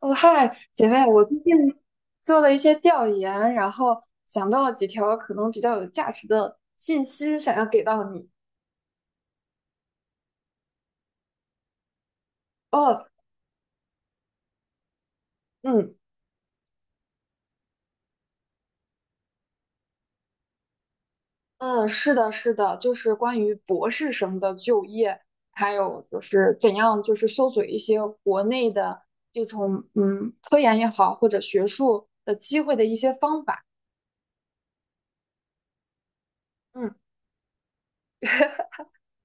哦，嗨，姐妹，我最近做了一些调研，然后想到了几条可能比较有价值的信息，想要给到你。哦，嗯嗯，是的，是的，就是关于博士生的就业，还有就是怎样就是搜索一些国内的这种科研也好，或者学术的机会的一些方法。嗯。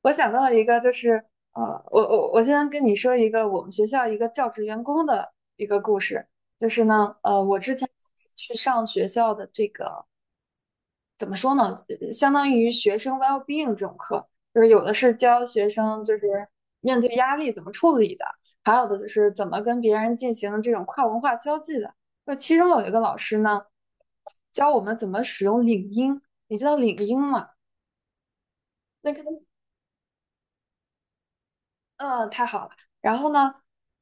我想到了一个，就是呃，我先跟你说一个我们学校一个教职员工的一个故事，就是呢，我之前去上学校的这个怎么说呢，相当于学生 well-being 这种课，就是有的是教学生就是面对压力怎么处理的，还有的就是怎么跟别人进行这种跨文化交际的。就其中有一个老师呢，教我们怎么使用领英，你知道领英吗？那个嗯，太好了。然后呢，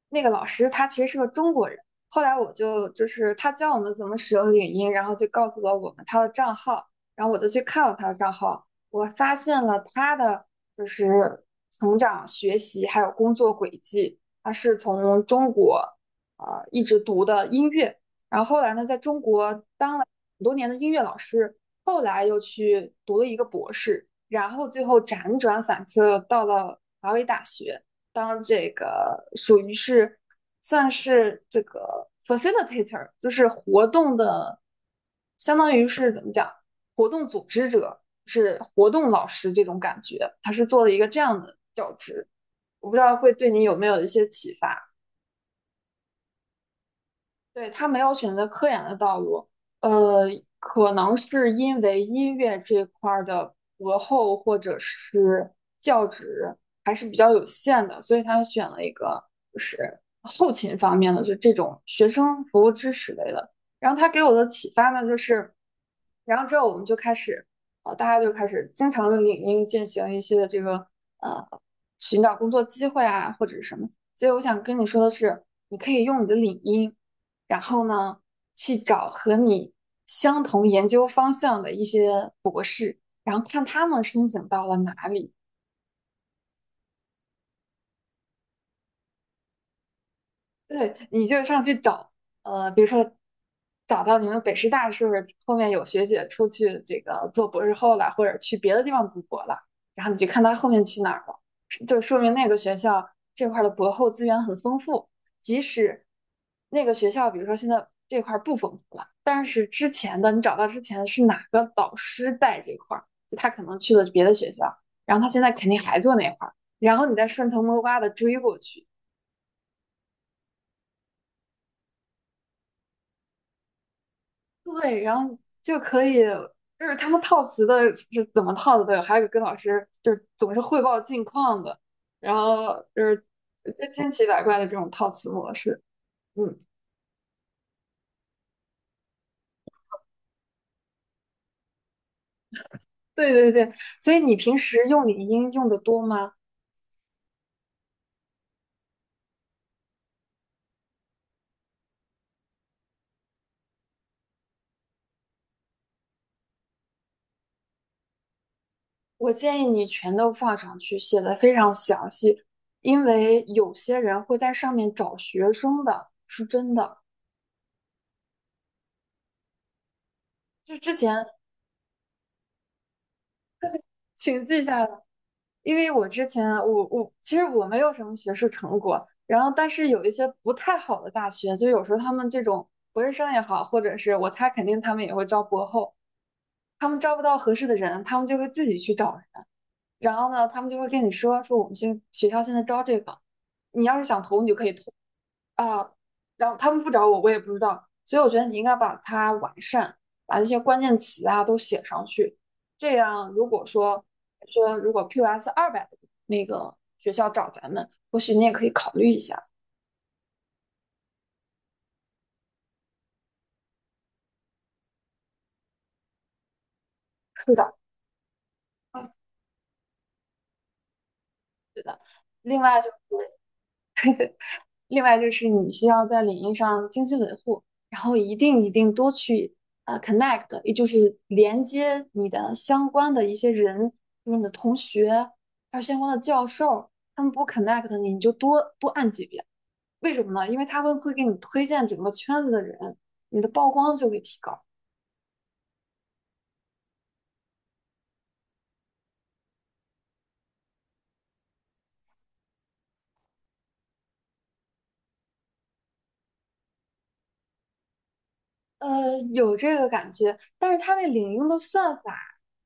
那个老师他其实是个中国人。后来我就就是他教我们怎么使用领英，然后就告诉了我们他的账号。然后我就去看了他的账号，我发现了他的就是成长、学习还有工作轨迹。他是从中国啊、一直读的音乐，然后后来呢，在中国当了很多年的音乐老师，后来又去读了一个博士，然后最后辗转反侧到了华为大学。当这个属于是算是这个 facilitator,就是活动的，相当于是怎么讲，活动组织者，是活动老师这种感觉，他是做了一个这样的教职，我不知道会对你有没有一些启发。对，他没有选择科研的道路，呃，可能是因为音乐这块儿的博后或者是教职还是比较有限的，所以他选了一个就是后勤方面的，就这种学生服务支持类的。然后他给我的启发呢，就是，然后之后我们就开始，大家就开始经常的领英进行一些这个呃寻找工作机会啊或者是什么。所以我想跟你说的是，你可以用你的领英。然后呢，去找和你相同研究方向的一些博士，然后看他们申请到了哪里，对，你就上去找，比如说找到你们北师大是不是后面有学姐出去这个做博士后了，或者去别的地方读博了，然后你就看她后面去哪儿了，就说明那个学校这块儿的博后资源很丰富，即使那个学校比如说现在这块儿不丰富了，但是之前的你找到之前是哪个导师带这块儿，就他可能去了别的学校，然后他现在肯定还做那块儿，然后你再顺藤摸瓜的追过去。对，然后就可以，就是他们套词的是怎么套的都有，还有跟老师就是总是汇报近况的，然后就是就千奇百怪的这种套词模式。嗯，对对对，所以你平时用领英用的多吗？我建议你全都放上去，写的非常详细，因为有些人会在上面找学生的，是真的。就之前请记下来。因为我之前啊我其实我没有什么学术成果，然后但是有一些不太好的大学，就有时候他们这种博士生也好，或者是我猜肯定他们也会招博后，他们招不到合适的人，他们就会自己去找人，然后呢，他们就会跟你说说我们现学校现在招这个，你要是想投你就可以投，啊，然后他们不找我，我也不知道。所以我觉得你应该把它完善，把那些关键词啊都写上去。这样，如果说说如果 QS 200那个学校找咱们，或许你也可以考虑一下。是的，嗯对的。另外就是另外就是你需要在领域上精心维护，然后一定一定多去connect,也就是连接你的相关的一些人，就是你的同学，还有相关的教授，他们不 connect 你，你就多多按几遍。为什么呢？因为他们会给你推荐整个圈子的人，你的曝光就会提高。有这个感觉，但是它那领英的算法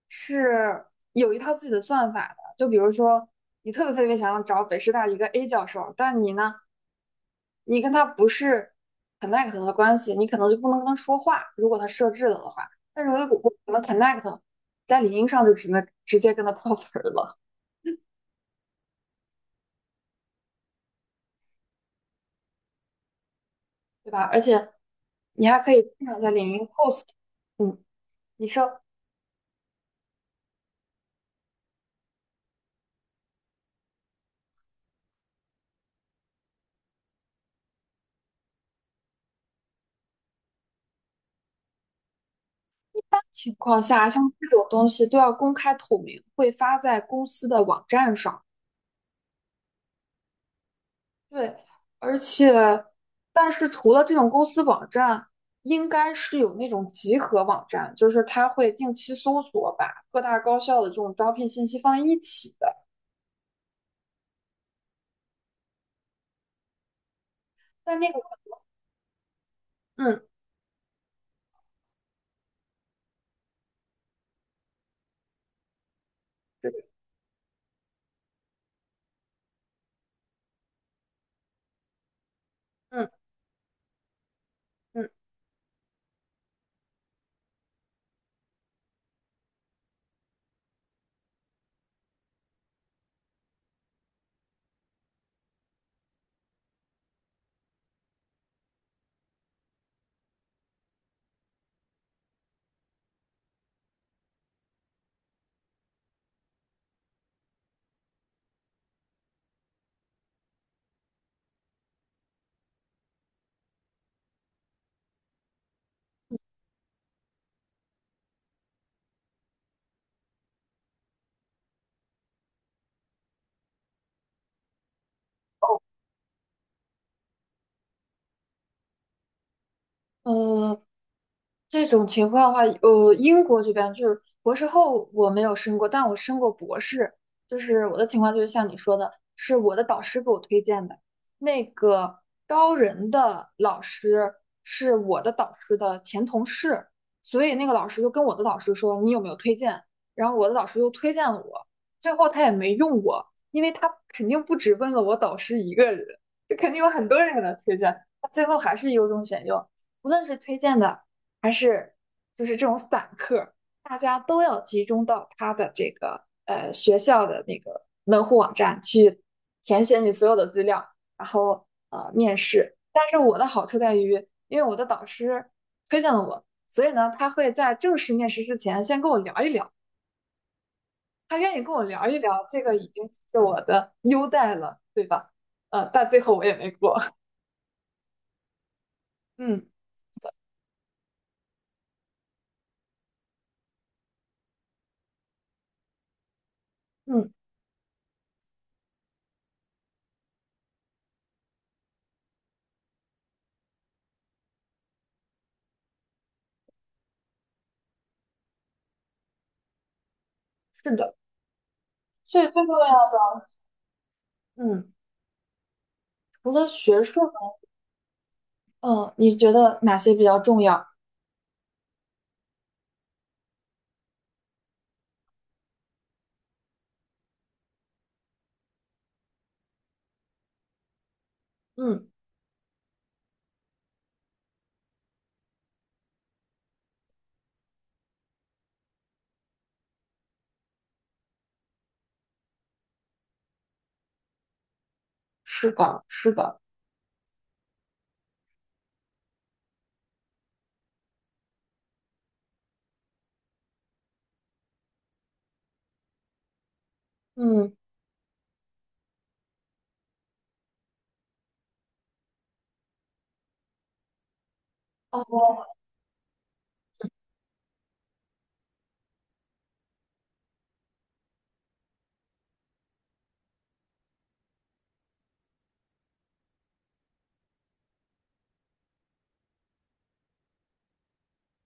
是有一套自己的算法的。就比如说，你特别特别想要找北师大一个 A 教授，但你呢，你跟他不是很 connect 的关系，你可能就不能跟他说话，如果他设置了的话。但是如果我们 connect,在领英上就只能直接跟他套词儿了，对吧？而且你还可以经常在领英 post,嗯，你说一般情况下，像这种东西都要公开透明，会发在公司的网站上。对，而且，但是除了这种公司网站，应该是有那种集合网站，就是它会定期搜索，把各大高校的这种招聘信息放在一起的。但那个，嗯嗯嗯，嗯这种情况的话，英国这边就是博士后我没有申过，但我申过博士。就是我的情况就是像你说的，是我的导师给我推荐的。那个高人的老师是我的导师的前同事，所以那个老师就跟我的导师说你有没有推荐，然后我的导师又推荐了我，最后他也没用我，因为他肯定不只问了我导师一个人，就肯定有很多人给他推荐，他最后还是优中选优。无论是推荐的。还是就是这种散客，大家都要集中到他学校的那个门户网站去填写你所有的资料，然后面试。但是我的好处在于，因为我的导师推荐了我，所以呢，他会在正式面试之前先跟我聊一聊，他愿意跟我聊一聊，这个已经是我的优待了，对吧？但最后我也没过。嗯嗯，是的，所以这个嗯，除了学术嗯，你觉得哪些比较重要？嗯是的，是的，嗯，哦，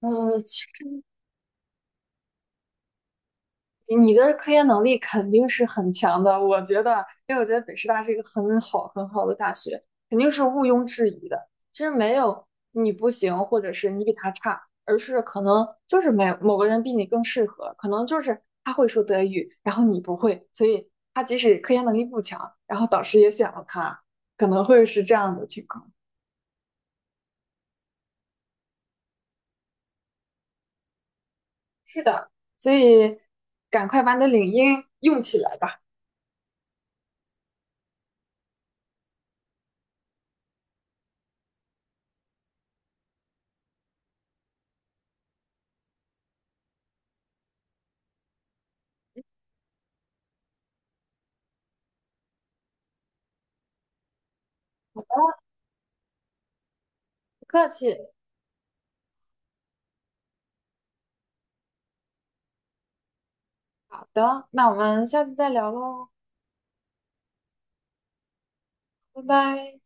其实你的科研能力肯定是很强的，我觉得，因为我觉得北师大是一个很好很好的大学，肯定是毋庸置疑的。其实没有你不行，或者是你比他差，而是可能就是没有某个人比你更适合，可能就是他会说德语，然后你不会，所以他即使科研能力不强，然后导师也选了他，可能会是这样的情况。是的，所以赶快把你的领英用起来吧。不客气。好的，那我们下次再聊喽，拜拜。